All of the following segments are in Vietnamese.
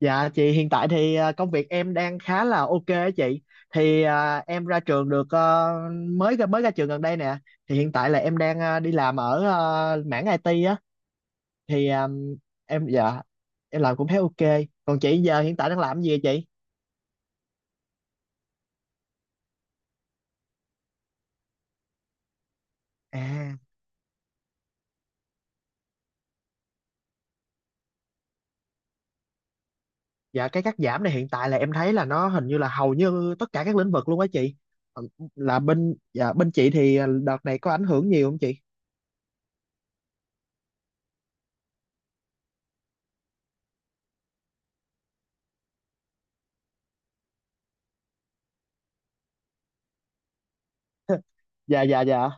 Dạ chị hiện tại thì công việc em đang khá là ok á chị. Thì em ra trường được mới ra trường gần đây nè. Thì hiện tại là em đang đi làm ở mảng IT á. Thì em dạ em làm cũng thấy ok. Còn chị giờ hiện tại đang làm gì vậy chị? À, dạ cái cắt giảm này hiện tại là em thấy là nó hình như là hầu như tất cả các lĩnh vực luôn á chị. Ờ, Là bên dạ bên chị thì đợt này có ảnh hưởng nhiều không chị? Dạ dạ dạ.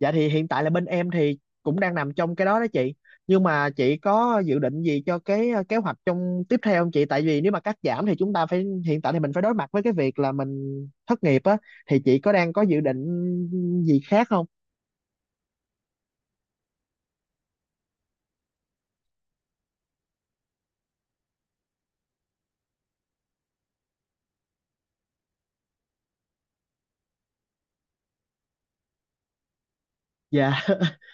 Dạ thì hiện tại là bên em thì cũng đang nằm trong cái đó đó chị. Nhưng mà chị có dự định gì cho cái kế hoạch trong tiếp theo không chị? Tại vì nếu mà cắt giảm thì chúng ta phải, hiện tại thì mình phải đối mặt với cái việc là mình thất nghiệp á, thì chị có đang có dự định gì khác không? Dạ.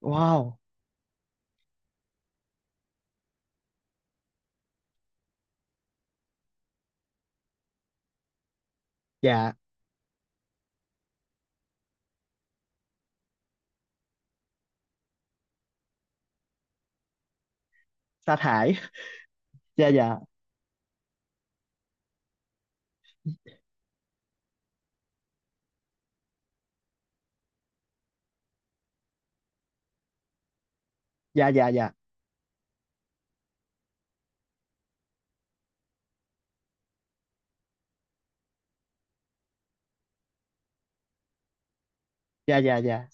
Wow. Dạ, sa thải. Dạ dạ. Dạ dạ dạ. Dạ dạ dạ.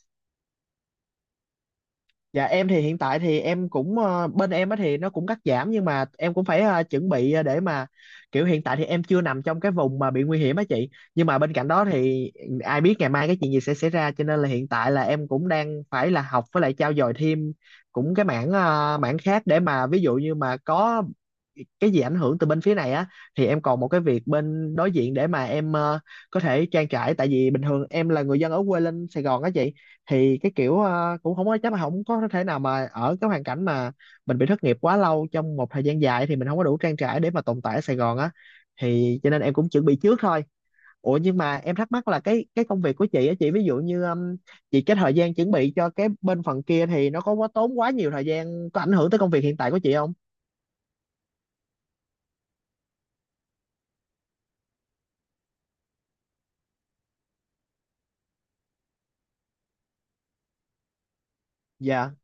Dạ em thì hiện tại thì em cũng bên em á thì nó cũng cắt giảm, nhưng mà em cũng phải chuẩn bị để mà kiểu hiện tại thì em chưa nằm trong cái vùng mà bị nguy hiểm á chị. Nhưng mà bên cạnh đó thì ai biết ngày mai cái chuyện gì sẽ xảy ra, cho nên là hiện tại là em cũng đang phải là học với lại trau dồi thêm cũng cái mảng mảng khác, để mà ví dụ như mà có cái gì ảnh hưởng từ bên phía này á thì em còn một cái việc bên đối diện để mà em có thể trang trải. Tại vì bình thường em là người dân ở quê lên Sài Gòn á chị, thì cái kiểu cũng không có chắc, là không có thể nào mà ở cái hoàn cảnh mà mình bị thất nghiệp quá lâu trong một thời gian dài thì mình không có đủ trang trải để mà tồn tại ở Sài Gòn á, thì cho nên em cũng chuẩn bị trước thôi. Ủa nhưng mà em thắc mắc là cái công việc của chị á chị, ví dụ như chị cái thời gian chuẩn bị cho cái bên phần kia thì nó có quá tốn quá nhiều thời gian, có ảnh hưởng tới công việc hiện tại của chị không? Dạ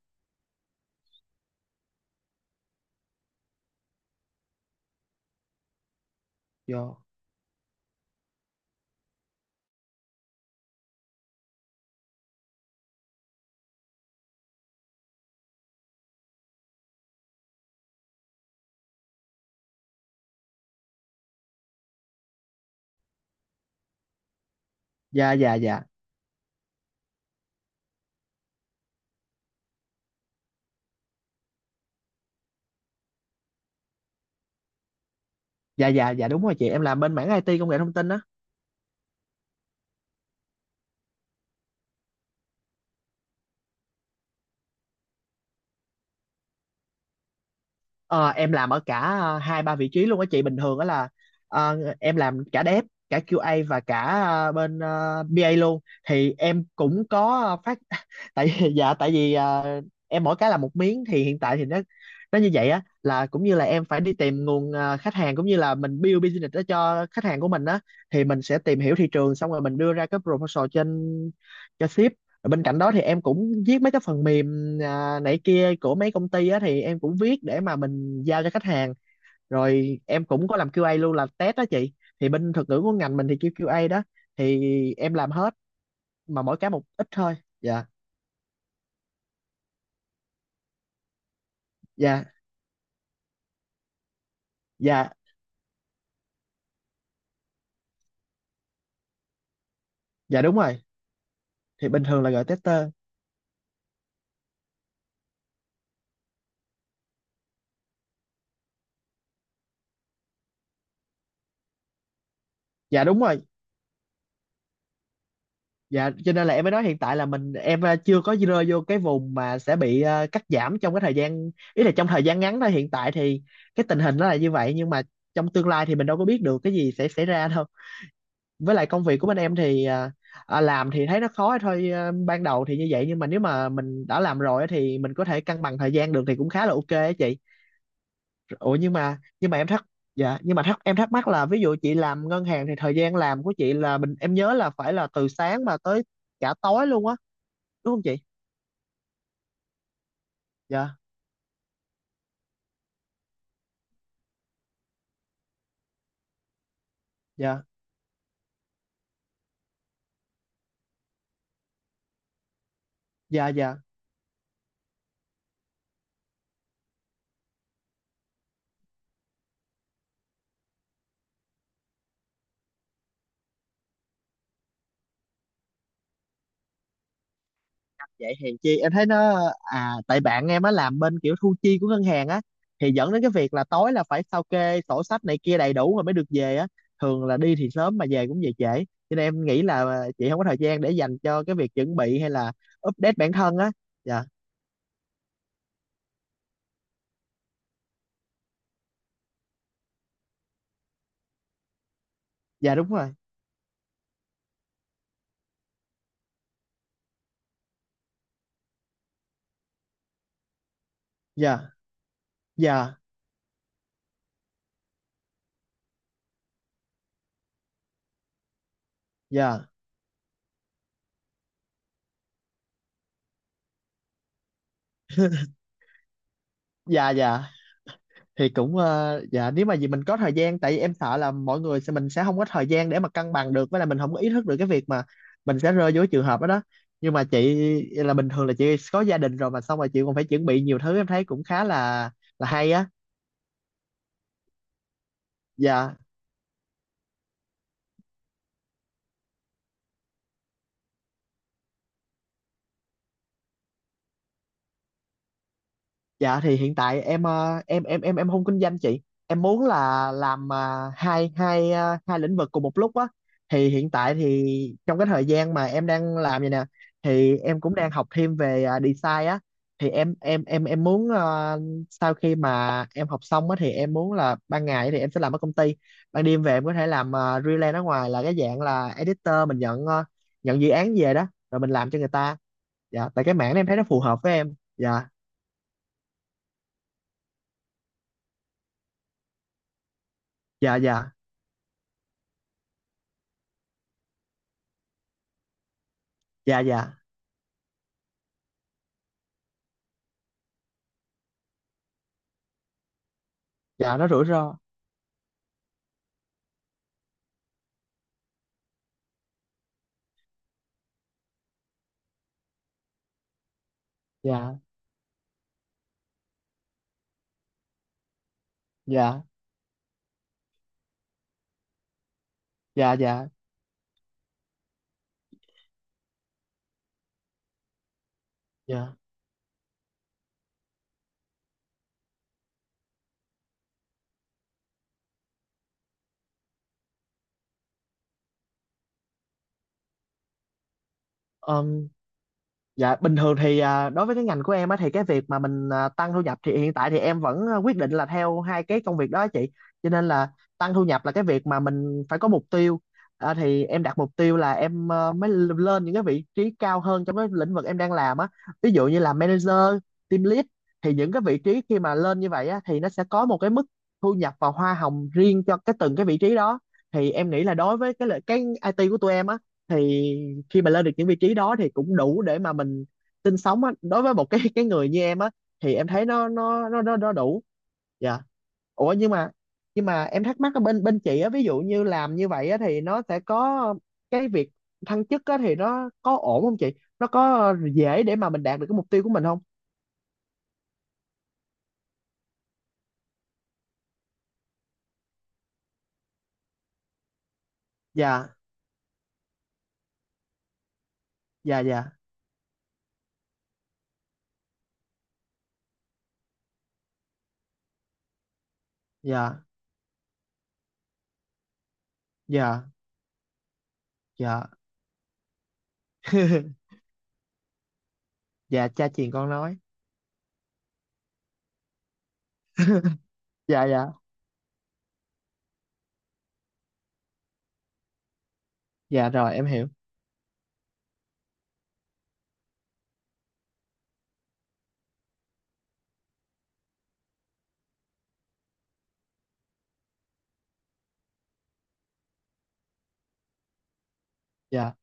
dạ dạ dạ. Dạ dạ dạ. Dạ đúng rồi chị, em làm bên mảng IT công nghệ thông tin á. Ờ, em làm ở cả hai ba vị trí luôn á chị, bình thường đó là em làm cả dev, cả QA và cả BA luôn, thì em cũng có phát dạ tại vì em mỗi cái là một miếng, thì hiện tại thì nó như vậy á, là cũng như là em phải đi tìm nguồn khách hàng, cũng như là mình build business đó cho khách hàng của mình á, thì mình sẽ tìm hiểu thị trường xong rồi mình đưa ra cái proposal trên cho ship, rồi bên cạnh đó thì em cũng viết mấy cái phần mềm này kia của mấy công ty á, thì em cũng viết để mà mình giao cho khách hàng, rồi em cũng có làm QA luôn, là test đó chị, thì bên thuật ngữ của ngành mình thì kêu QA đó, thì em làm hết mà mỗi cái một ít thôi. Dạ dạ dạ. Dạ đúng rồi, thì bình thường là gọi tester. Dạ đúng rồi. Dạ, cho nên là em mới nói hiện tại là mình em chưa có rơi vô cái vùng mà sẽ bị cắt giảm trong cái thời gian, ý là trong thời gian ngắn thôi. Hiện tại thì cái tình hình nó là như vậy, nhưng mà trong tương lai thì mình đâu có biết được cái gì sẽ xảy ra đâu. Với lại công việc của bên em thì làm thì thấy nó khó thôi, ban đầu thì như vậy, nhưng mà nếu mà mình đã làm rồi á thì mình có thể cân bằng thời gian được, thì cũng khá là ok á chị. Ủa nhưng mà em thắc dạ nhưng mà thắc em thắc mắc là ví dụ chị làm ngân hàng thì thời gian làm của chị là mình, em nhớ là phải là từ sáng mà tới cả tối luôn á, đúng không chị? Dạ dạ dạ dạ. Vậy hèn chi em thấy nó, à tại bạn em á làm bên kiểu thu chi của ngân hàng á, thì dẫn đến cái việc là tối là phải sao kê sổ sách này kia đầy đủ rồi mới được về á, thường là đi thì sớm mà về cũng về trễ, cho nên em nghĩ là chị không có thời gian để dành cho cái việc chuẩn bị hay là update bản thân á. Dạ. Dạ đúng rồi. Dạ dạ dạ dạ. Dạ thì cũng dạ nếu mà gì mình có thời gian, tại vì em sợ là mọi người sẽ, mình sẽ không có thời gian để mà cân bằng được, với là mình không có ý thức được cái việc mà mình sẽ rơi vô cái trường hợp đó đó. Nhưng mà chị là bình thường là chị có gia đình rồi, mà xong rồi chị còn phải chuẩn bị nhiều thứ, em thấy cũng khá là hay á. Dạ. Dạ thì hiện tại em em không kinh doanh chị. Em muốn là làm ờ, hai hai ờ, hai lĩnh vực cùng một lúc á. Thì hiện tại thì trong cái thời gian mà em đang làm vậy nè, thì em cũng đang học thêm về design á. Thì em muốn sau khi mà em học xong á thì em muốn là ban ngày thì em sẽ làm ở công ty, ban đêm về em có thể làm freelance ở ngoài, là cái dạng là editor, mình nhận nhận dự án về đó rồi mình làm cho người ta. Dạ tại cái mảng này em thấy nó phù hợp với em. Dạ dạ. Dạ dạ dạ. Dạ nó rủi ro. Dạ dạ dạ. Dạ dạ. Ừm. Dạ bình thường thì đối với cái ngành của em á thì cái việc mà mình tăng thu nhập thì hiện tại thì em vẫn quyết định là theo hai cái công việc đó á chị. Cho nên là tăng thu nhập là cái việc mà mình phải có mục tiêu. Thì em đặt mục tiêu là em lên những cái vị trí cao hơn trong cái lĩnh vực em đang làm á. Ví dụ như là manager, team lead, thì những cái vị trí khi mà lên như vậy á thì nó sẽ có một cái mức thu nhập và hoa hồng riêng cho cái từng cái vị trí đó. Thì em nghĩ là đối với cái IT của tụi em á, thì khi mà lên được những vị trí đó thì cũng đủ để mà mình sinh sống á, đối với một cái người như em á, thì em thấy nó đủ. Dạ. Ủa nhưng mà em thắc mắc ở bên bên chị á, ví dụ như làm như vậy á thì nó sẽ có cái việc thăng chức á, thì nó có ổn không chị? Nó có dễ để mà mình đạt được cái mục tiêu của mình không? Dạ dạ dạ. Dạ dạ dạ. Dạ cha truyền con nói. Dạ dạ dạ rồi em hiểu. Dạ.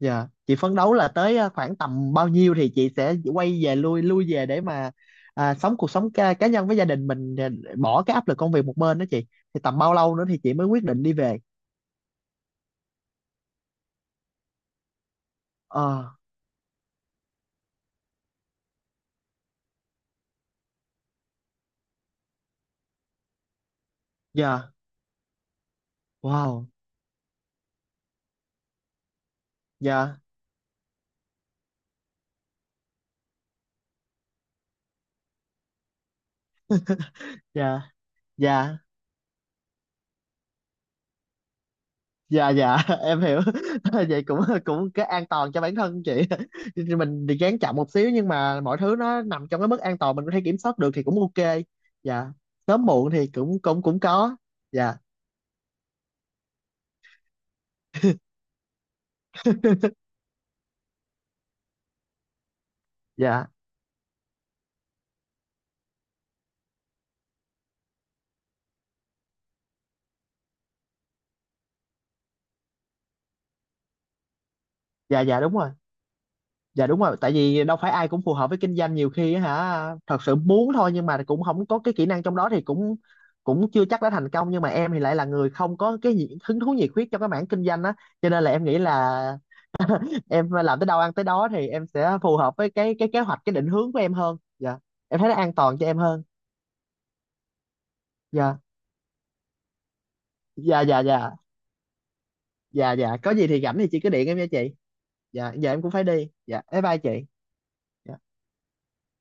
Dạ, chị phấn đấu là tới khoảng tầm bao nhiêu thì chị sẽ quay về, lui lui về để mà sống cuộc sống cá nhân với gia đình mình, bỏ cái áp lực công việc một bên đó chị. Thì tầm bao lâu nữa thì chị mới quyết định đi về? Ờ, dạ, wow, dạ, dạ, dạ, dạ, dạ, em hiểu. Vậy cũng cũng cái an toàn cho bản thân chị. Mình thì gán chậm một xíu, nhưng mà mọi thứ nó nằm trong cái mức an toàn mình có thể kiểm soát được thì cũng ok. Dạ, sớm muộn thì cũng cũng cũng có. Dạ, dạ. Dạ dạ đúng rồi. Dạ đúng rồi, tại vì đâu phải ai cũng phù hợp với kinh doanh, nhiều khi á hả thật sự muốn thôi nhưng mà cũng không có cái kỹ năng trong đó thì cũng cũng chưa chắc đã thành công. Nhưng mà em thì lại là người không có cái gì, hứng thú nhiệt huyết trong cái mảng kinh doanh á, cho nên là em nghĩ là em làm tới đâu ăn tới đó, thì em sẽ phù hợp với cái kế hoạch cái định hướng của em hơn. Dạ em thấy nó an toàn cho em hơn. Dạ dạ dạ. Dạ dạ dạ, có gì thì rảnh thì chị cứ điện em nha chị. Dạ giờ em cũng phải đi, dạ bye bye chị. Dạ.